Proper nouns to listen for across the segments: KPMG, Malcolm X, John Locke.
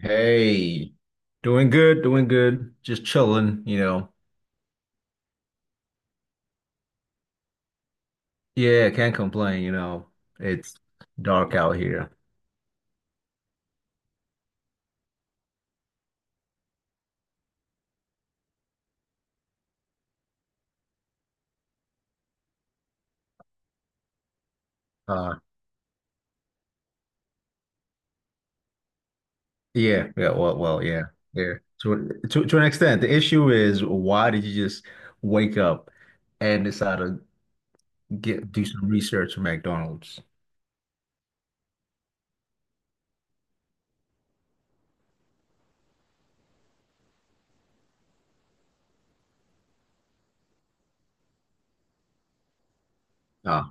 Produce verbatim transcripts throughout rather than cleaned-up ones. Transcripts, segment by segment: Hey, doing good, doing good. Just chilling, you know. Yeah, can't complain, you know. It's dark out here. Uh, yeah, yeah, well, well, yeah, yeah. To, to to an extent, the issue is why did you just wake up and decide to get do some research for McDonald's? Uh,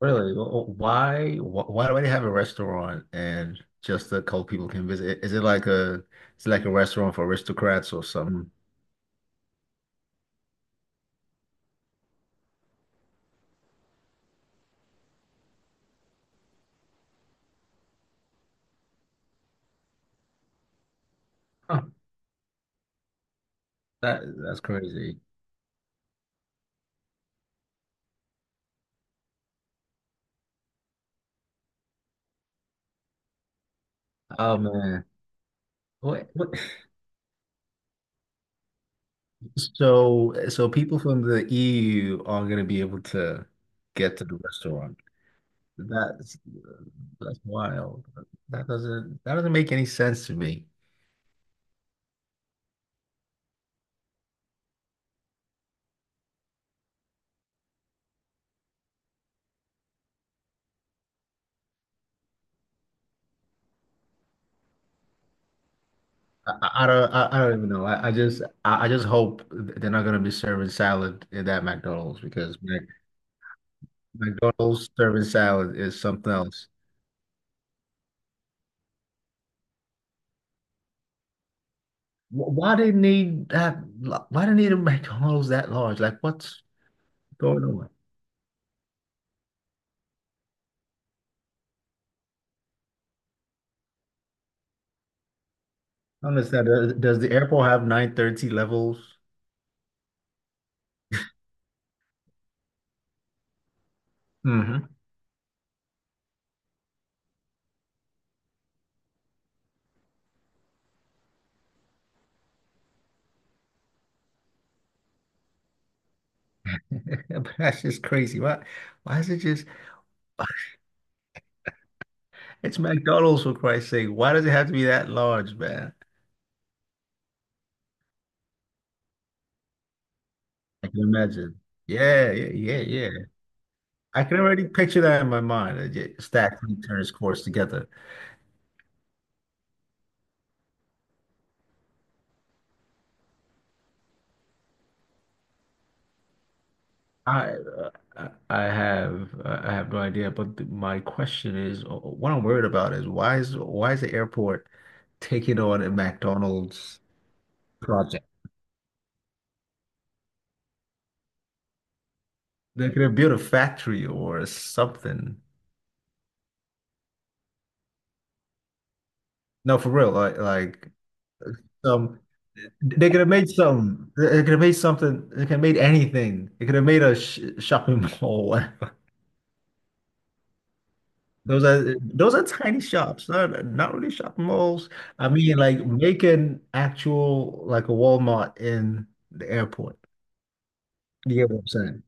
really? wh- wh- Why, wh- why do they have a restaurant and just a couple people can visit? Is it like a, is it like a restaurant for aristocrats or something? Huh. That that's crazy. Oh man. What, what? So so people from the E U are going to be able to get to the restaurant. That's that's wild. That doesn't that doesn't make any sense to me. I, I I don't I, I don't even know. I, I just I, I just hope they're not going to be serving salad in that McDonald's because Mc- McDonald's serving salad is something else. Wh- Why do they need that? Why do they need a McDonald's that large? Like what's going on? I understand. Uh, Does the airport have nine thirty levels? hmm That's just crazy. Why, why is it just, it's McDonald's for Christ's sake. Why does it have to be that large, man? I can imagine. Yeah, yeah, yeah, yeah. I can already picture that in my mind. uh, ju- Stacked three tennis courts together. I uh, I I have uh, I have no idea, but th- my question is, uh, what I'm worried about is why is why is the airport taking on a McDonald's project? They could have built a factory or something. No, for real. Like like some they could have made some, they could have made something, they could have made anything. They could have made a sh shopping mall. Those are those are tiny shops, not not really shopping malls. I mean like make an actual like a Walmart in the airport. You get what I'm saying?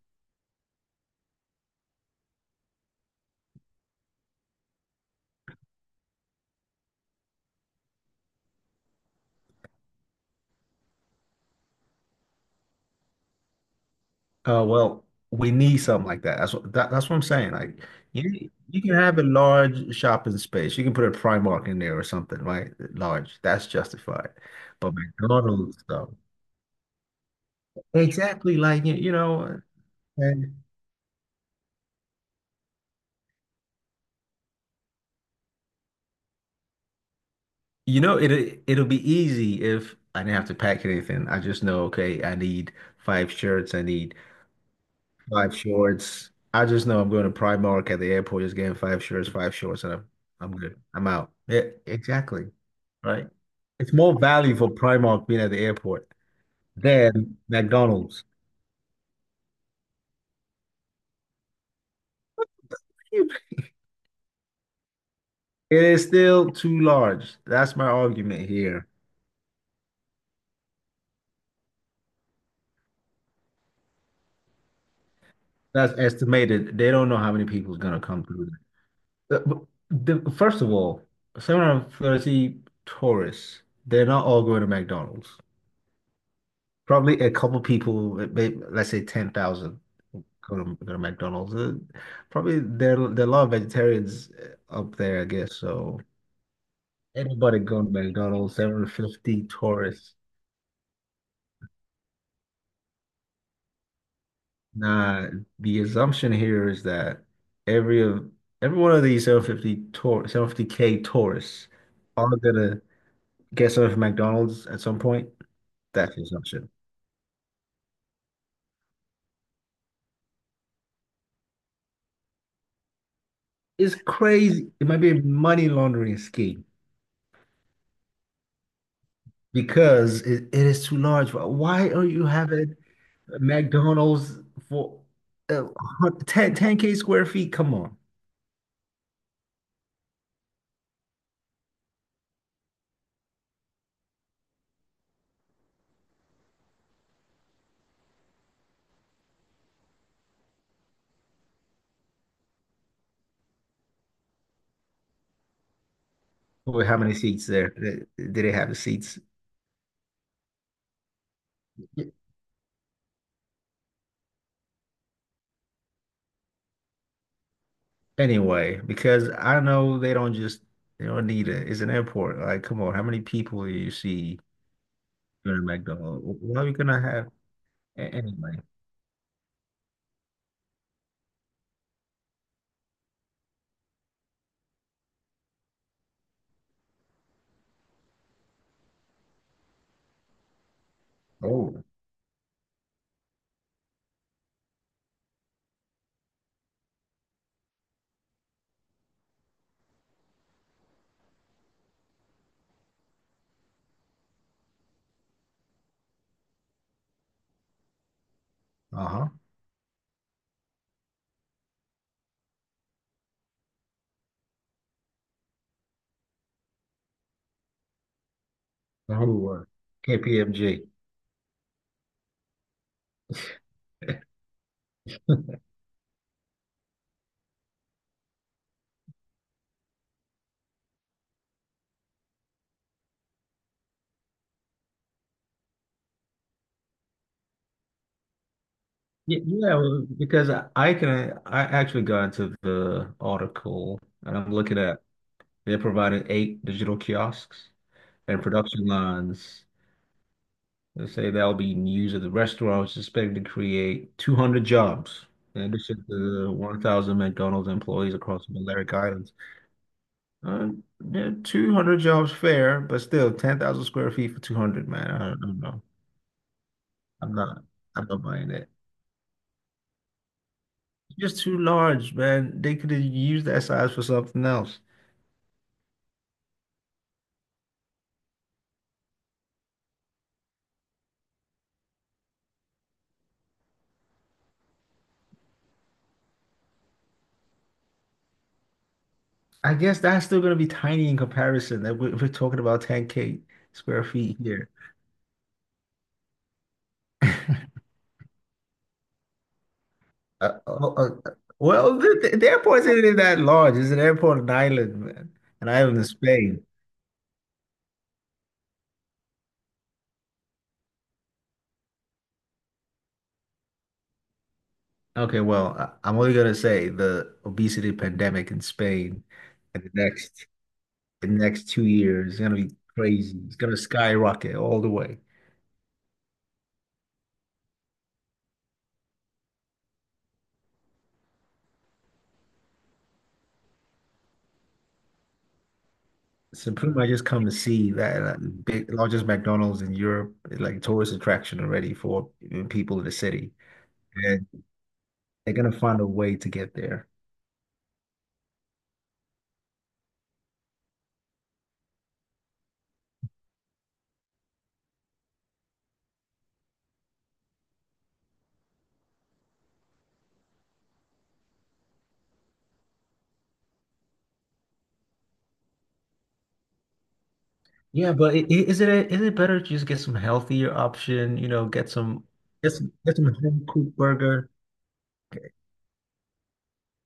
Uh, well, we need something like that. That's what that, that's what I'm saying. Like you you can have a large shopping space. You can put a Primark in there or something, right? Large. That's justified. But McDonald's though. Exactly. Like you, you know, and you know it it'll be easy if I didn't have to pack anything. I just know, okay, I need five shirts, I need five shorts. I just know I'm going to Primark at the airport, just getting five shirts, five shorts, and I'm I'm good. I'm out. Yeah, exactly. Right. It's more value for Primark being at the airport than McDonald's. It is still too large. That's my argument here. That's estimated. They don't know how many people is going to come through. The, the, first of all, seven hundred thirty tourists, they're not all going to McDonald's. Probably a couple people, maybe, let's say ten thousand. Go to, go to McDonald's. Uh, probably there there are a lot of vegetarians uh, up there, I guess. So anybody going to McDonald's, seven hundred fifty tourists. Nah, the assumption here is that every of every one of these seven hundred fifty tour seven hundred fifty K tourists are gonna get some of McDonald's at some point. That's the assumption. It's crazy. It might be a money laundering scheme because it, it is too large. Why are you having McDonald's for uh, 10, ten k square feet. Come on. Well, how many seats there? Did they have the seats anyway? Because I know they don't just, they don't need it. It's an airport. Like, come on. How many people do you see during a McDonald's? What are you going to have a- anyway? Oh, uh-huh. Oh, K P M G. Ye- Yeah, yeah, well, because I I can I actually got into the article and I'm looking at they're providing eight digital kiosks and production lines. They say that'll be used at the restaurant, which is expected to create two hundred jobs, in addition to the one thousand McDonald's employees across the Balearic Islands. Uh, yeah, two hundred jobs fair, but still ten thousand square feet for two hundred, man. I don't, I don't know. I'm not, I'm not buying that. It's just too large, man. They could have used that size for something else. I guess that's still going to be tiny in comparison. That we're, we're talking about ten K square feet here. Uh, uh, uh, well, the, the airport isn't that large. It's an airport in Ireland, man. An island in Spain. Okay, well, I, I'm only gonna say the obesity pandemic in Spain in the next the next two years is gonna be crazy. It's gonna skyrocket all the way. So pretty much just come to see that uh, big largest McDonald's in Europe, eh, like tourist attraction already for people in the city, and they're gonna find a way to get there. Yeah, but i- i- is it is it better to just get some healthier option? You know, get some get some get some home cooked burger.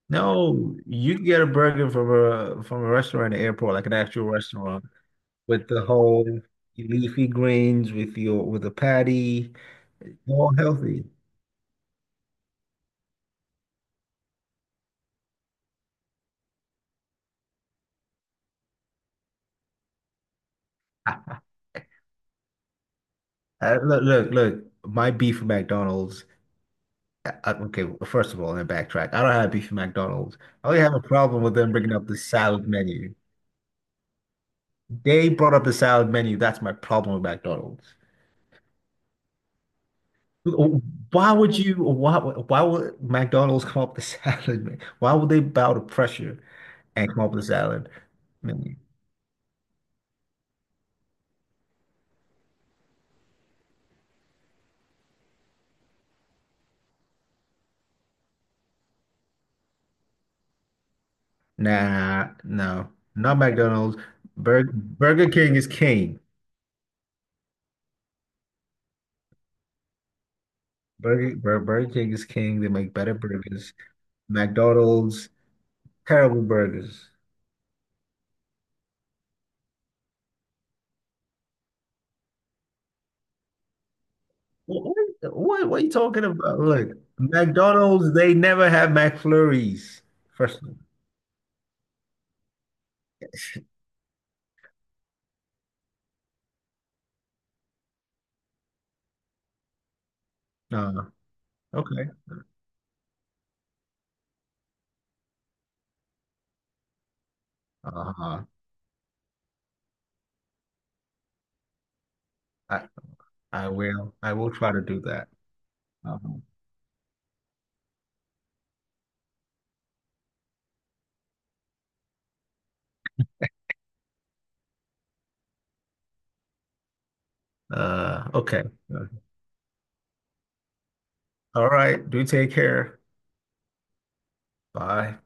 No, you can get a burger from a from a restaurant at the airport, like an actual restaurant, with the whole leafy greens, with your with a patty, all healthy. Uh, look, look, look. My beef with McDonald's. uh, uh, okay, well, first of all, let me backtrack. I don't have beef with McDonald's. I only have a problem with them bringing up the salad menu. They brought up a salad menu. That's my problem with McDonald's. Why would you, why, why would McDonald's come up with a salad menu? Why would they bow to pressure and come up with a salad menu? Nah, no, not McDonald's. Burger, Burger King is king. Burger, Bur- Burger King is king. They make better burgers. McDonald's, terrible burgers. What, what, what what are you talking about? Look, McDonald's, they never have McFlurries. First of all, no, okay. Uh-huh. I I will. I will try to do that. Uh-huh. Uh, okay. All right. Do take care. Bye.